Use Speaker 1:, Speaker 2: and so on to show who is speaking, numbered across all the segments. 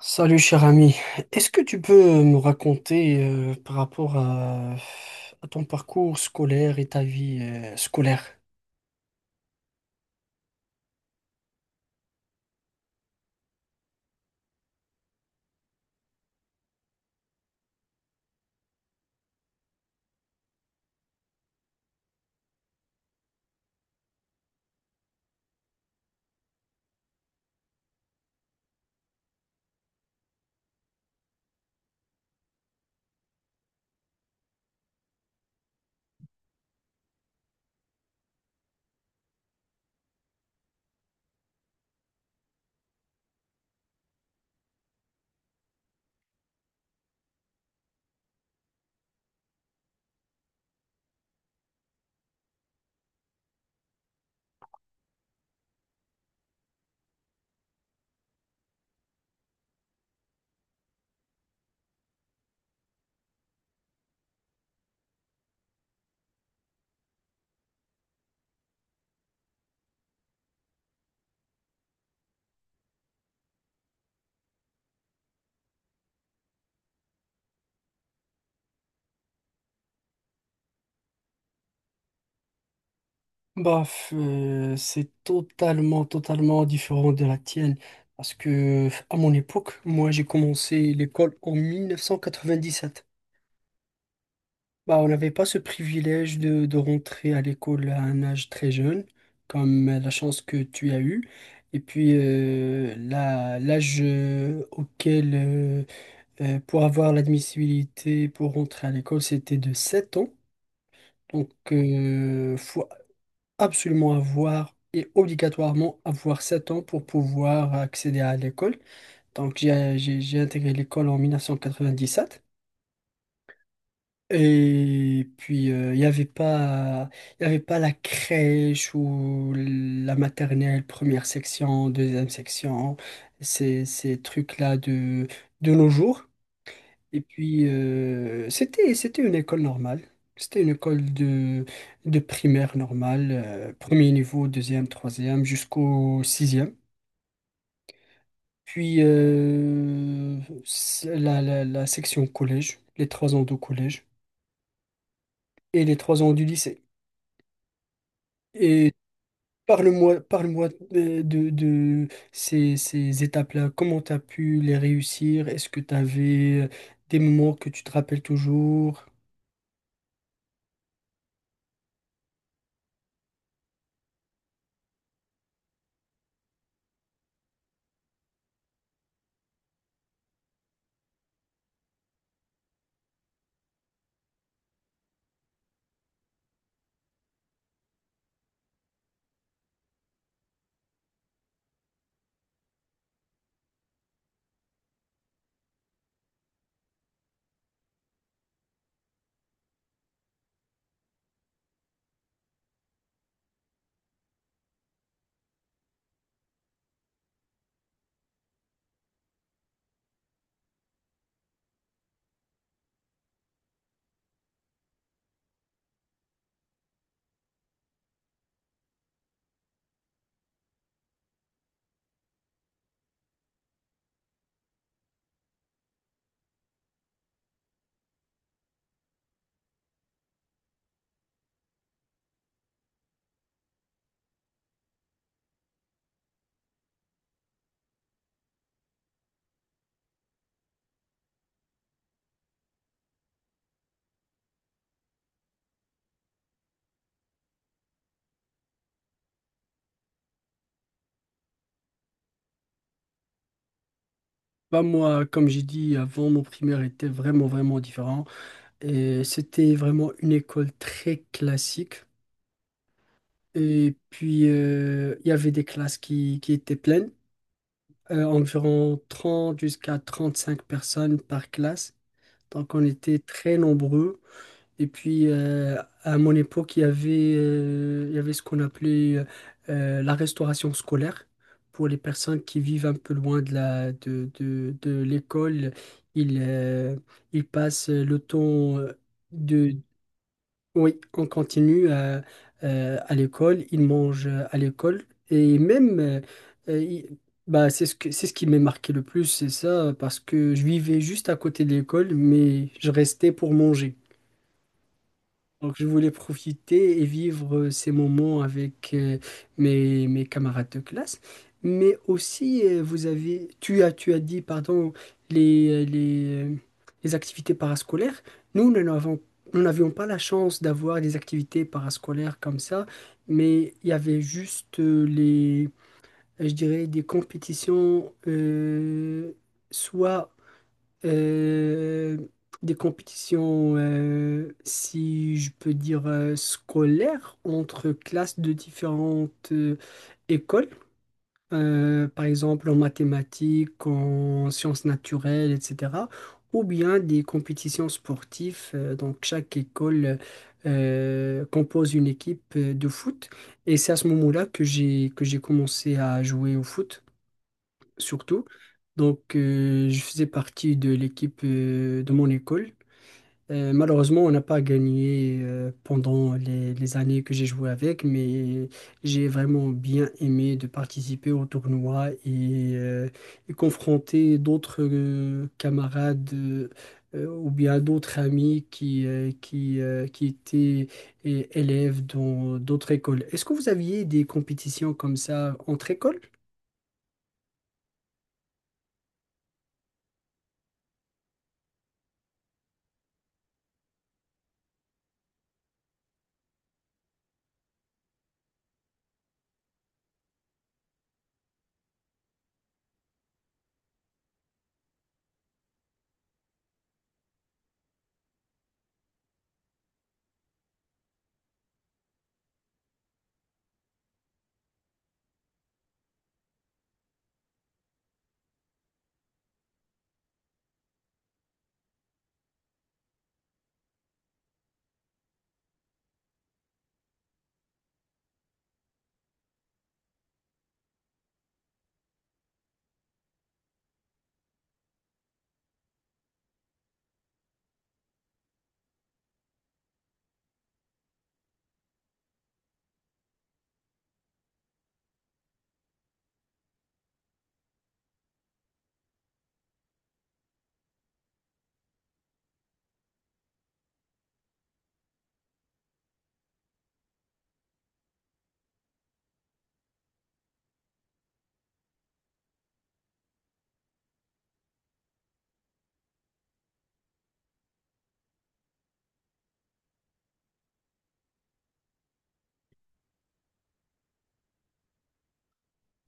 Speaker 1: Salut cher ami, est-ce que tu peux me raconter par rapport à ton parcours scolaire et ta vie scolaire? C'est totalement différent de la tienne parce que à mon époque, moi j'ai commencé l'école en 1997. Bah, on n'avait pas ce privilège de rentrer à l'école à un âge très jeune, comme la chance que tu as eue. Et puis l'âge auquel pour avoir l'admissibilité pour rentrer à l'école, c'était de 7 ans. Donc, il faut absolument avoir et obligatoirement avoir 7 ans pour pouvoir accéder à l'école. Donc, j'ai intégré l'école en 1997. Et puis, il y avait pas la crèche ou la maternelle, première section, deuxième section, ces trucs-là de nos jours. Et puis, c'était une école normale. C'était une école de primaire normale, premier niveau, deuxième, troisième, jusqu'au sixième. Puis, c'est la section collège, les 3 ans de collège et les 3 ans du lycée. Et parle-moi, parle-moi de ces étapes-là. Comment tu as pu les réussir? Est-ce que tu avais des moments que tu te rappelles toujours? Bah moi, comme j'ai dit avant, mon primaire était vraiment différent. Et c'était vraiment une école très classique. Et puis, il y avait des classes qui étaient pleines, environ 30 jusqu'à 35 personnes par classe. Donc, on était très nombreux. Et puis, à mon époque, il y avait ce qu'on appelait la restauration scolaire. Pour les personnes qui vivent un peu loin de de l'école, ils, euh, ils passent le temps de... Oui, on continue à l'école, ils mangent à l'école. Et même, euh, ils- bah, c'est ce qui m'a marqué le plus, c'est ça, parce que je vivais juste à côté de l'école, mais je restais pour manger. Donc je voulais profiter et vivre ces moments avec mes camarades de classe. Mais aussi, vous avez, tu as dit, pardon, les, euh, les, euh, les activités parascolaires. Nous, nous n'avons, Nous n'avions pas la chance d'avoir des activités parascolaires comme ça, mais il y avait juste je dirais, des compétitions, soit euh, des compétitions, si je peux dire, scolaires entre classes de différentes écoles, par exemple en mathématiques, en sciences naturelles, etc. Ou bien des compétitions sportives. Donc chaque école compose une équipe de foot. Et c'est à ce moment-là que j'ai commencé à jouer au foot surtout. Donc, je faisais partie de l'équipe de mon école. Malheureusement, on n'a pas gagné pendant les années que j'ai joué avec, mais j'ai vraiment bien aimé de participer au tournoi et confronter d'autres camarades ou bien d'autres amis qui étaient élèves dans d'autres écoles. Est-ce que vous aviez des compétitions comme ça entre écoles?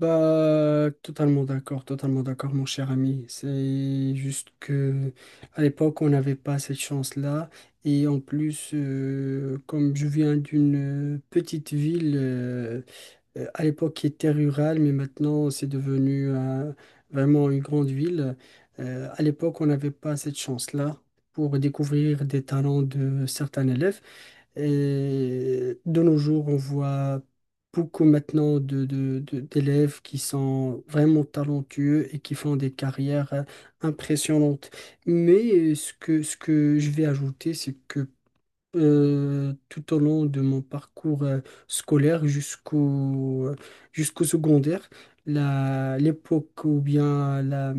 Speaker 1: Bah, totalement d'accord, mon cher ami. C'est juste que à l'époque, on n'avait pas cette chance-là. Et en plus, comme je viens d'une petite ville, à l'époque qui était rurale, mais maintenant c'est devenu vraiment une grande ville. À l'époque, on n'avait pas cette chance-là pour découvrir des talents de certains élèves. Et de nos jours, on voit beaucoup maintenant d'élèves qui sont vraiment talentueux et qui font des carrières impressionnantes. Mais ce que je vais ajouter, c'est que tout au long de mon parcours scolaire jusqu'au secondaire. L'époque ou bien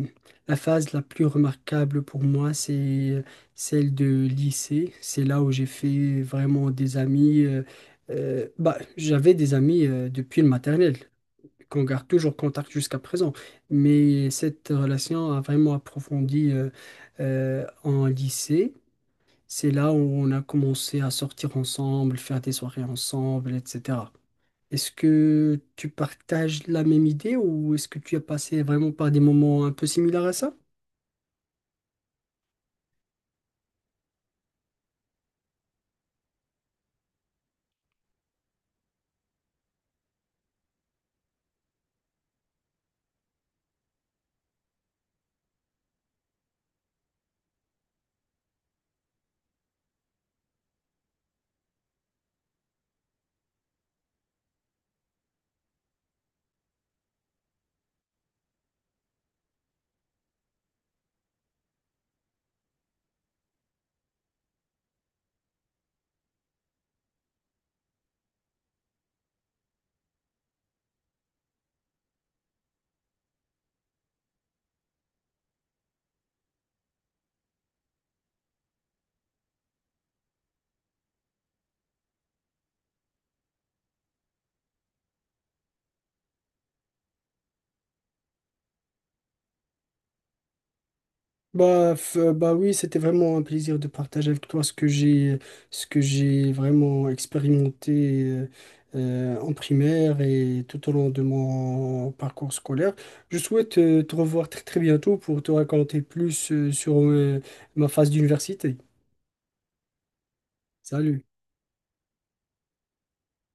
Speaker 1: la phase la plus remarquable pour moi, c'est celle de lycée. C'est là où j'ai fait vraiment des amis. Bah, j'avais des amis depuis le maternel, qu'on garde toujours contact jusqu'à présent. Mais cette relation a vraiment approfondi en lycée. C'est là où on a commencé à sortir ensemble, faire des soirées ensemble, etc. Est-ce que tu partages la même idée ou est-ce que tu as passé vraiment par des moments un peu similaires à ça? Bah oui, c'était vraiment un plaisir de partager avec toi ce que j'ai vraiment expérimenté en primaire et tout au long de mon parcours scolaire. Je souhaite te revoir très très bientôt pour te raconter plus sur ma phase d'université. Salut.